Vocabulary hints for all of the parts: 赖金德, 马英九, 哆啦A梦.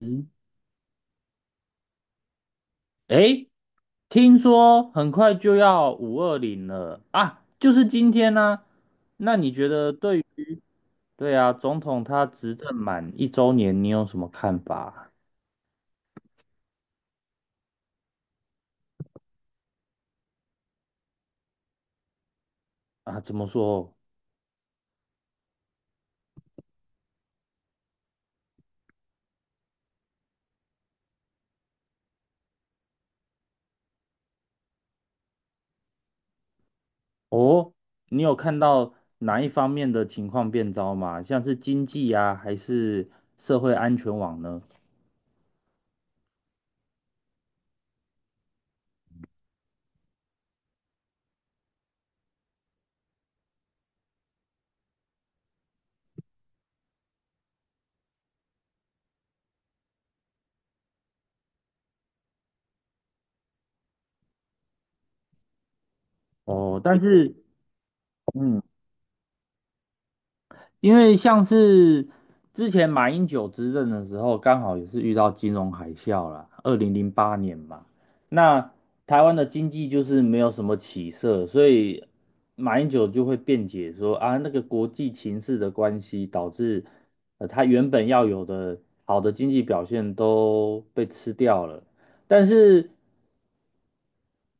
嗯，诶，听说很快就要520了啊，就是今天呢、那你觉得对啊，总统他执政满一周年，你有什么看法啊？怎么说？哦，你有看到哪一方面的情况变糟吗？像是经济啊，还是社会安全网呢？哦，但是，嗯，因为像是之前马英九执政的时候，刚好也是遇到金融海啸啦，2008年嘛。那台湾的经济就是没有什么起色，所以马英九就会辩解说啊，那个国际情势的关系，导致他原本要有的好的经济表现都被吃掉了。但是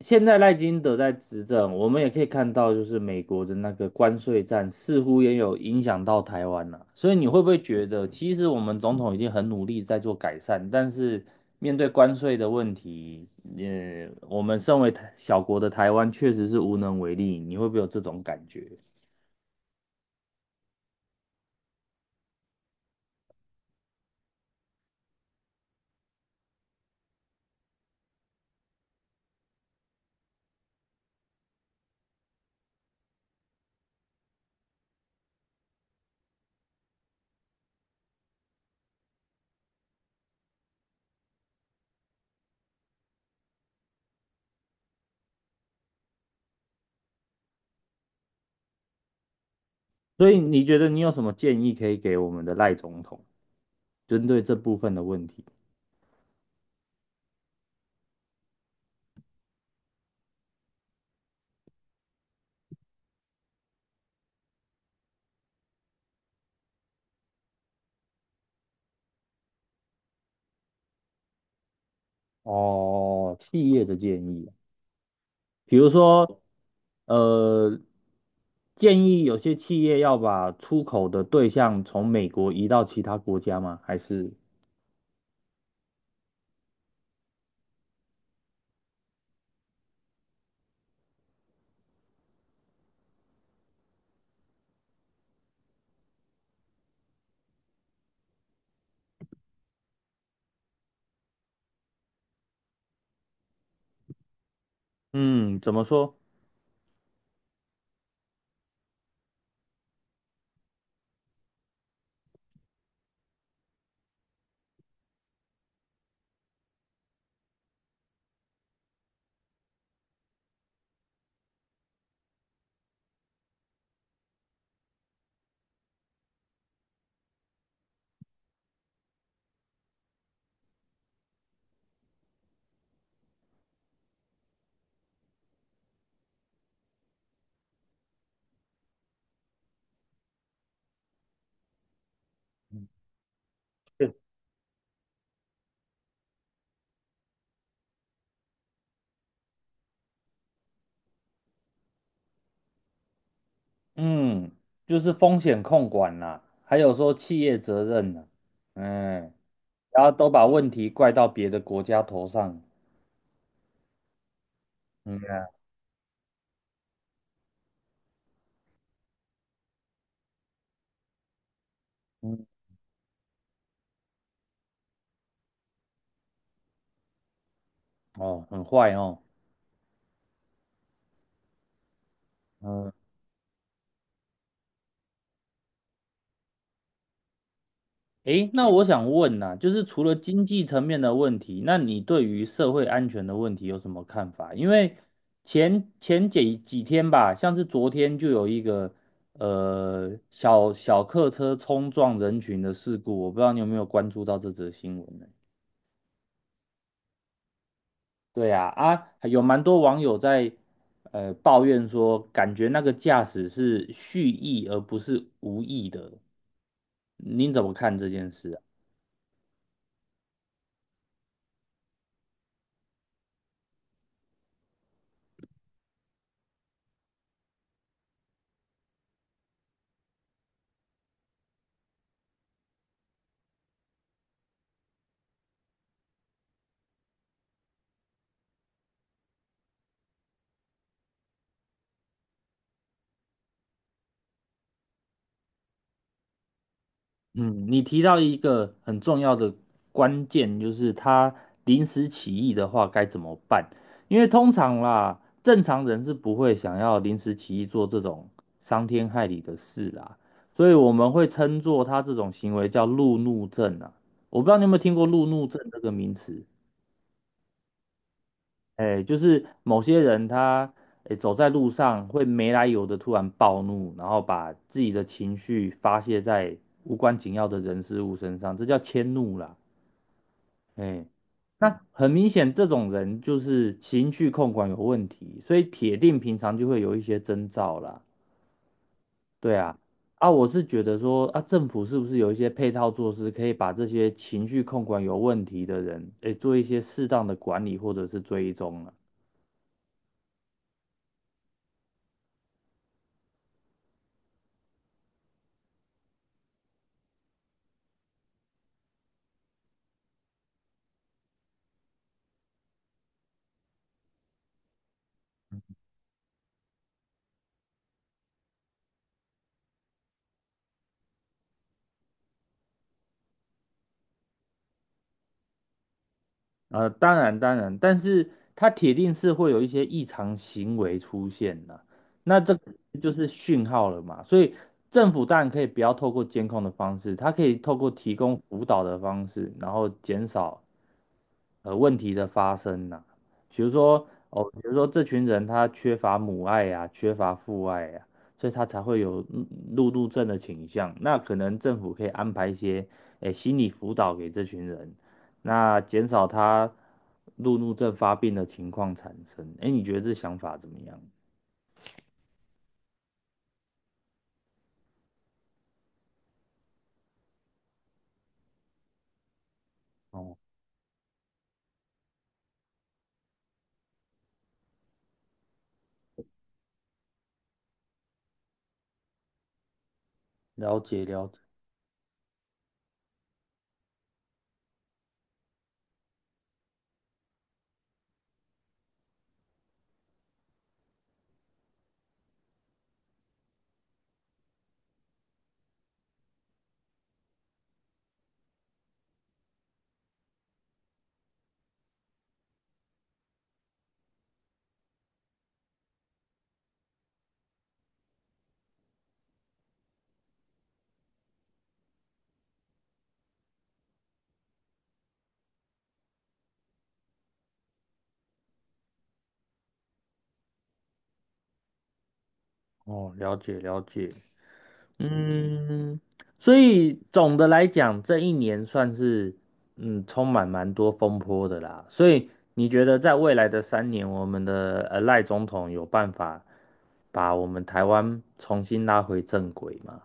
现在赖金德在执政，我们也可以看到，就是美国的那个关税战似乎也有影响到台湾了。所以你会不会觉得，其实我们总统已经很努力在做改善，但是面对关税的问题，我们身为台小国的台湾确实是无能为力。你会不会有这种感觉？所以你觉得你有什么建议可以给我们的赖总统，针对这部分的问题？哦，企业的建议。比如说，呃，建议有些企业要把出口的对象从美国移到其他国家吗？还是，嗯，怎么说？嗯，就是风险控管啦，还有说企业责任啦，嗯，然后都把问题怪到别的国家头上，嗯嗯，哦，很坏哦，嗯。诶，那我想问呐、就是除了经济层面的问题，那你对于社会安全的问题有什么看法？因为前几天吧，像是昨天就有一个小客车冲撞人群的事故，我不知道你有没有关注到这则新闻呢？对呀，啊，有蛮多网友在抱怨说，感觉那个驾驶是蓄意而不是无意的，您怎么看这件事啊？嗯，你提到一个很重要的关键，就是他临时起意的话该怎么办？因为通常啦，正常人是不会想要临时起意做这种伤天害理的事啦，所以我们会称作他这种行为叫路怒症啊。我不知道你有没有听过路怒症这个名词？哎，就是某些人他，哎，走在路上会没来由的突然暴怒，然后把自己的情绪发泄在无关紧要的人事物身上，这叫迁怒啦。哎，那很明显，这种人就是情绪控管有问题，所以铁定平常就会有一些征兆啦。对啊，啊，我是觉得说，啊，政府是不是有一些配套措施，可以把这些情绪控管有问题的人，哎，做一些适当的管理或者是追踪啊？当然当然，但是它铁定是会有一些异常行为出现的，那这个就是讯号了嘛。所以政府当然可以不要透过监控的方式，它可以透过提供辅导的方式，然后减少问题的发生呐、比如说哦，比如说这群人他缺乏母爱呀、缺乏父爱呀、所以他才会有路怒症的倾向。那可能政府可以安排一些诶心理辅导给这群人，那减少他路怒症发病的情况产生。诶，你觉得这想法怎么样？哦，了解了解，哦，了解了解。嗯，所以总的来讲，这一年算是充满蛮多风波的啦。所以你觉得在未来的三年，我们的赖总统有办法把我们台湾重新拉回正轨吗？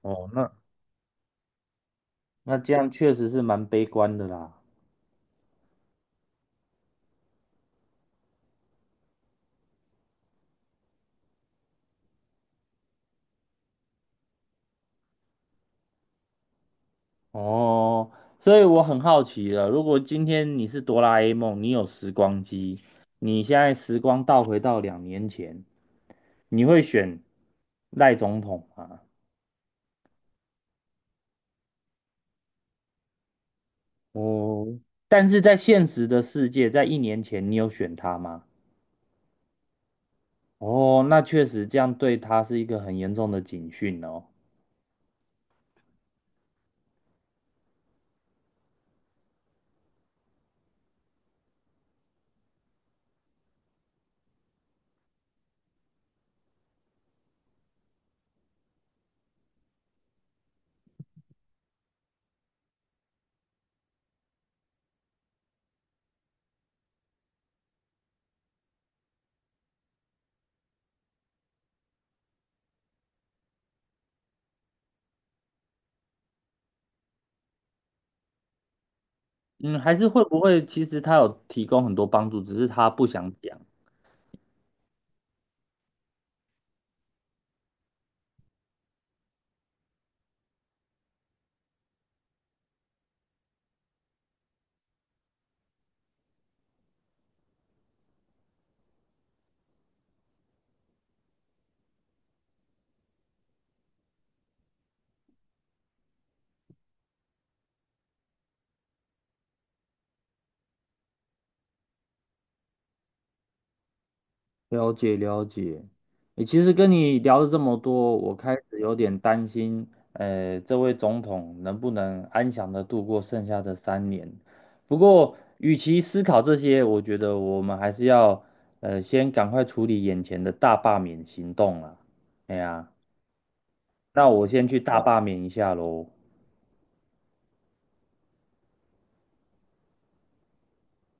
哦，那这样确实是蛮悲观的啦。哦，所以我很好奇了，如果今天你是哆啦 A 梦，你有时光机，你现在时光倒回到2年前，你会选赖总统吗？哦，但是在现实的世界，在1年前你有选他吗？哦，那确实这样对他是一个很严重的警讯哦。嗯，还是会不会其实他有提供很多帮助，只是他不想讲。了解了解，诶，其实跟你聊了这么多，我开始有点担心，这位总统能不能安详的度过剩下的三年？不过，与其思考这些，我觉得我们还是要，先赶快处理眼前的大罢免行动啦。哎呀，那我先去大罢免一下喽。